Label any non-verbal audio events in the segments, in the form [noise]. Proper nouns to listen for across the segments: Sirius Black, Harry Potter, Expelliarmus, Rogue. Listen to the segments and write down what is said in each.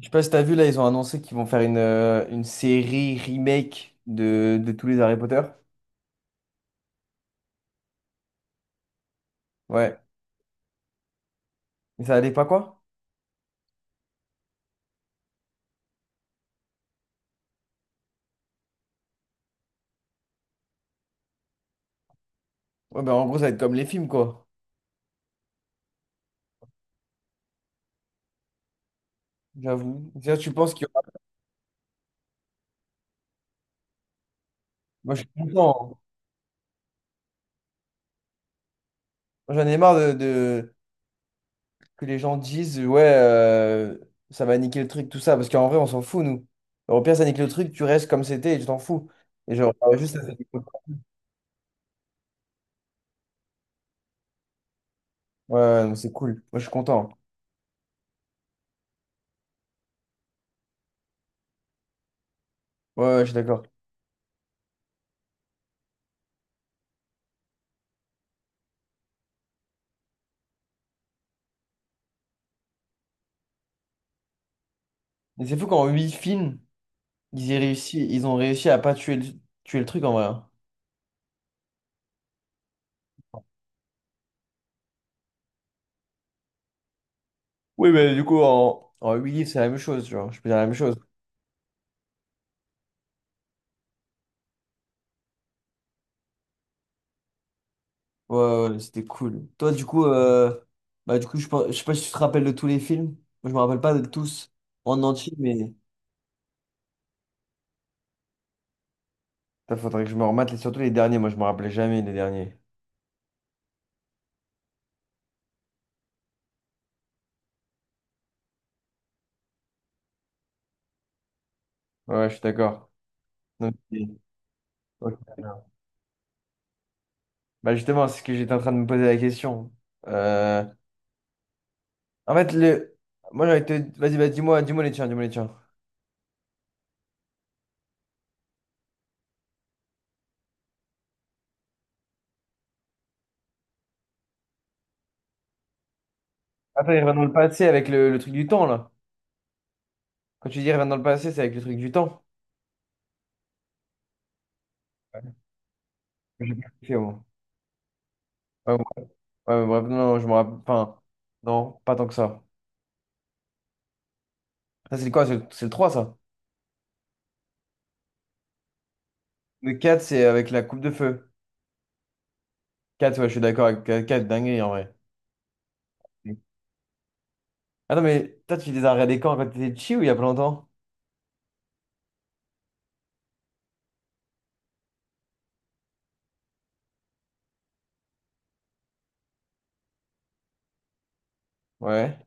Je sais pas si t'as vu là, ils ont annoncé qu'ils vont faire une série remake de tous les Harry Potter. Ouais. Mais ça allait pas quoi? Ouais, ben en gros, ça va être comme les films quoi. J'avoue. Tiens, tu penses qu'il y aura- Moi, je suis content, hein. J'en ai marre de- que les gens disent, ouais, ça va niquer le truc, tout ça. Parce qu'en vrai, on s'en fout, nous. Au pire, ça nique le truc, tu restes comme c'était et tu t'en fous. Et genre, juste, ça fait du cool. Ouais, ouais, non, c'est cool. Moi, je suis content, hein. Ouais, ouais, je suis d'accord. Mais c'est fou qu'en huit films, ils aient réussi, ils ont réussi à pas tuer le truc en vrai, hein. Oui, mais du coup, en 8 livres, c'est la même chose, genre. Je peux dire la même chose. Ouais, ouais, ouais, c'était cool. Toi, du coup, je sais pas si tu te rappelles de tous les films. Moi, je me rappelle pas de tous en entier, mais. Il faudrait que je me remette, les surtout les derniers. Moi, je me rappelais jamais les derniers. Ouais, ouais, je suis d'accord. Donc, c'est- ok. Bah, justement, c'est ce que j'étais en train de me poser la question. Euh, En fait, le... moi, j'aurais été... Vas-y, bah, dis-moi, dis-moi les tiens, dis-moi les tiens. Attends, il revient dans le passé avec le truc du temps, là. Quand tu dis il revient dans le passé, c'est avec le truc du temps. Ok, bon. Ouais, mais bref, non, non, je me rappelle. Enfin, non, pas tant que ça. Ça, c'est quoi? C'est le 3, ça? Le quatre c'est avec la coupe de feu. Quatre ouais, je suis d'accord avec 4, dinguerie, en vrai. Ah non, mais toi, tu les as regardés quand? Quand t'étais petit ou il y a pas longtemps? Ouais.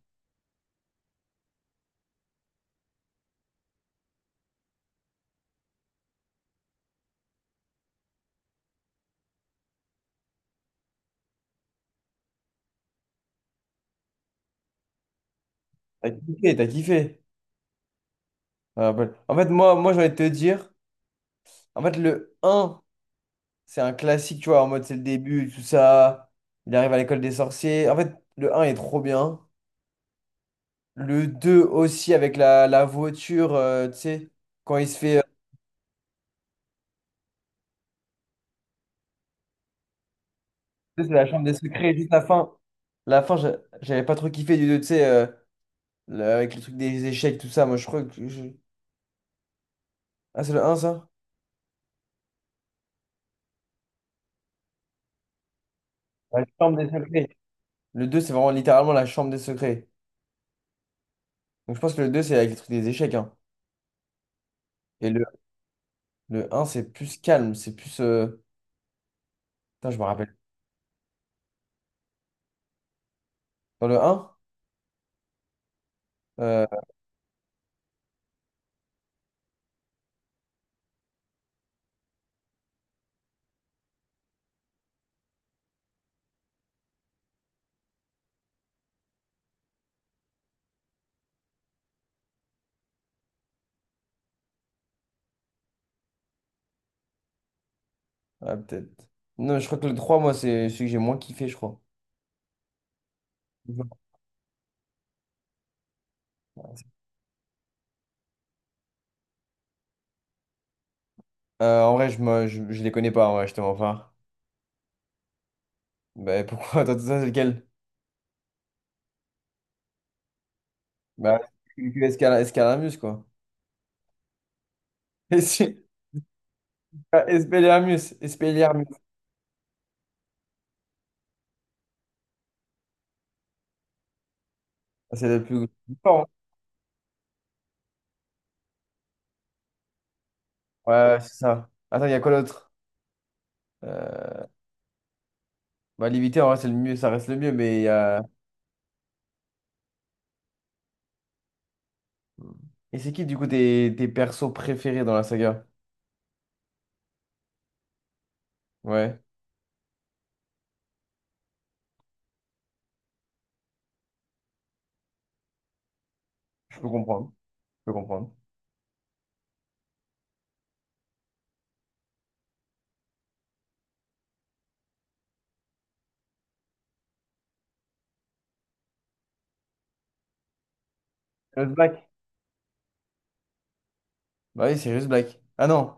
T'as kiffé, t'as kiffé. Ça me rappelle. En fait, moi j'ai envie de te dire, en fait, le un c'est un classique, tu vois, en mode c'est le début, tout ça. Il arrive à l'école des sorciers. En fait, le un est trop bien. Le 2 aussi avec la voiture, tu sais, quand il se fait... c'est la chambre des secrets, juste la fin. La fin, j'avais pas trop kiffé du 2 tu sais, le- avec le truc des échecs, tout ça. Moi, je crois que... je- Ah, c'est le un ça? La chambre des secrets. Le 2 c'est vraiment littéralement la chambre des secrets. Donc, je pense que le 2 c'est avec le truc des échecs, hein. Et le un c'est plus calme, c'est plus... Putain, je me rappelle. Dans le un euh, Ouais, peut-être. Non, je crois que le 3 moi, c'est celui que j'ai moins kiffé, je crois. Mhm. En vrai, je les connais pas, en vrai, je te mens pas. Bah, pourquoi? [laughs] Attends, ça, c'est lequel? Bah, Escalamus, quoi. [laughs] Et si- Ah, Expelliarmus, Expelliarmus. Ah, c'est le plus fort, hein. Ouais, ouais, c'est ça. Attends, il y a quoi d'autre? Euh, bah, limité, en vrai, c'est le mieux, ça reste le mieux, mais il y a... Et c'est qui, du coup, tes persos préférés dans la saga? Ouais, je peux comprendre. Je peux comprendre. Just Black. Bah oui, c'est juste Black. Ah non,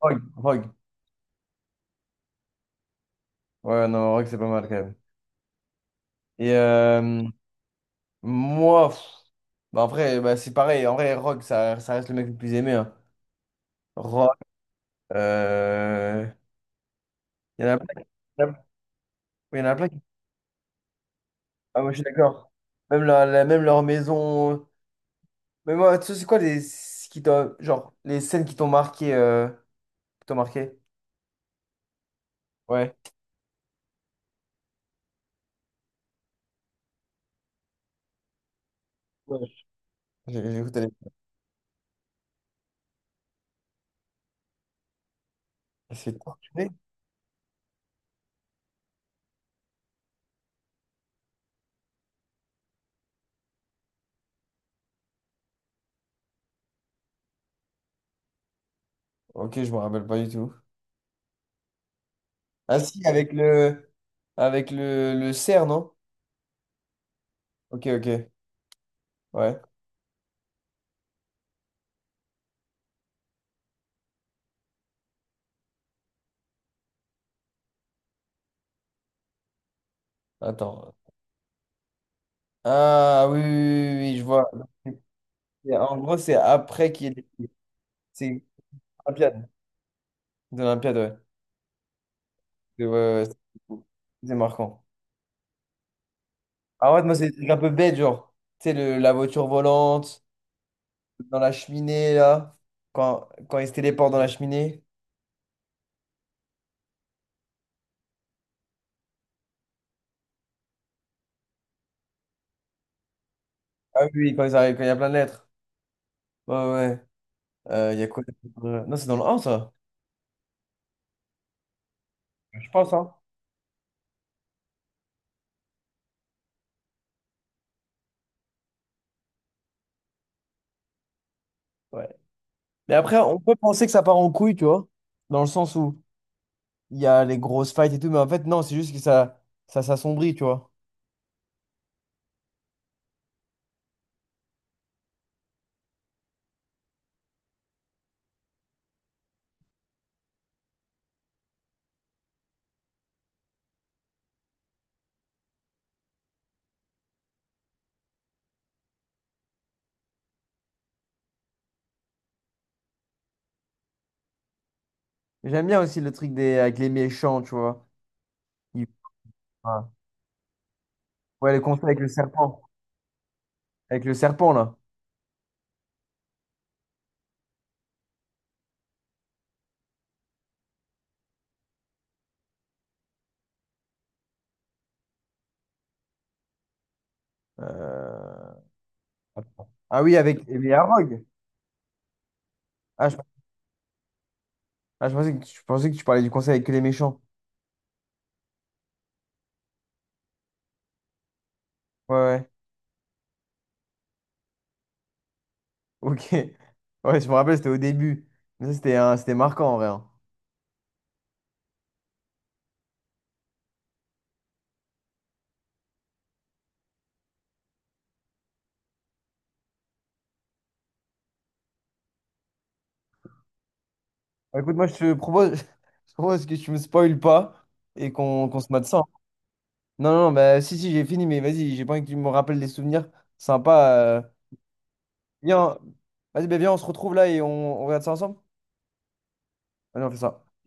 Rogue. Rogue. Ouais, non, en vrai que c'est pas mal quand même. Et moi, pff, bah, en vrai, bah, c'est pareil. En vrai, Rock, ça reste le mec le plus aimé, hein. Rock, euh, il y en a plein, il y en a plein qui... Ah, moi, je suis d'accord. Même leur maison. Mais moi, tu sais, c'est quoi les, ce qui t'ont- genre, les scènes qui t'ont marqué, qui t'ont marqué? Ouais. Ouais. J'écoute, elle est- c'est torturé. Ok, je me rappelle pas du tout. Ah si, avec le, le cerf, non? Ok, ok. Ouais. Attends. Ah oui, oui, oui, oui, oui, je vois. Et en gros, c'est après qu'il y ait les- C'est Olympiade. C'est Olympiade, ouais. C'est ouais, ouais, c'est- c'est marquant. Ah ouais, moi, c'est des trucs un peu bête, genre. Tu sais, le- la voiture volante, dans la cheminée, là. Quand ils se téléportent dans la cheminée. Ah oui, oui, quand ils arrivent, quand il y a plein de lettres. Ouais, ouais. Ouais. Il y a quoi d'autre? Non, c'est dans le 1, ça. Je pense, hein. Ouais. Mais après, on peut penser que ça part en couille, tu vois. Dans le sens où il y a les grosses fights et tout, mais en fait, non, c'est juste que ça s'assombrit, tu vois. J'aime bien aussi le truc des, avec les méchants, tu vois. Il- ah. Ouais, le conseil avec le serpent. Avec le serpent, là. Euh, Attends. Ah oui, avec les Arog. Ah, je pensais que tu parlais du conseil avec que les méchants. Ouais, ouais. [laughs] Ok. Ouais, je me rappelle, c'était au début. Mais ça, c'était c'était marquant, en vrai, hein. Bah, écoute, moi, je te propose, [laughs] je propose que tu me spoiles pas et qu'on se mate ça, hein. Non, non, bah, si, si, j'ai fini, mais vas-y, j'ai pas envie que tu me rappelles des souvenirs sympas. Viens, vas-y, bah, viens, on se retrouve là et on regarde ça ensemble. Allez, on fait ça.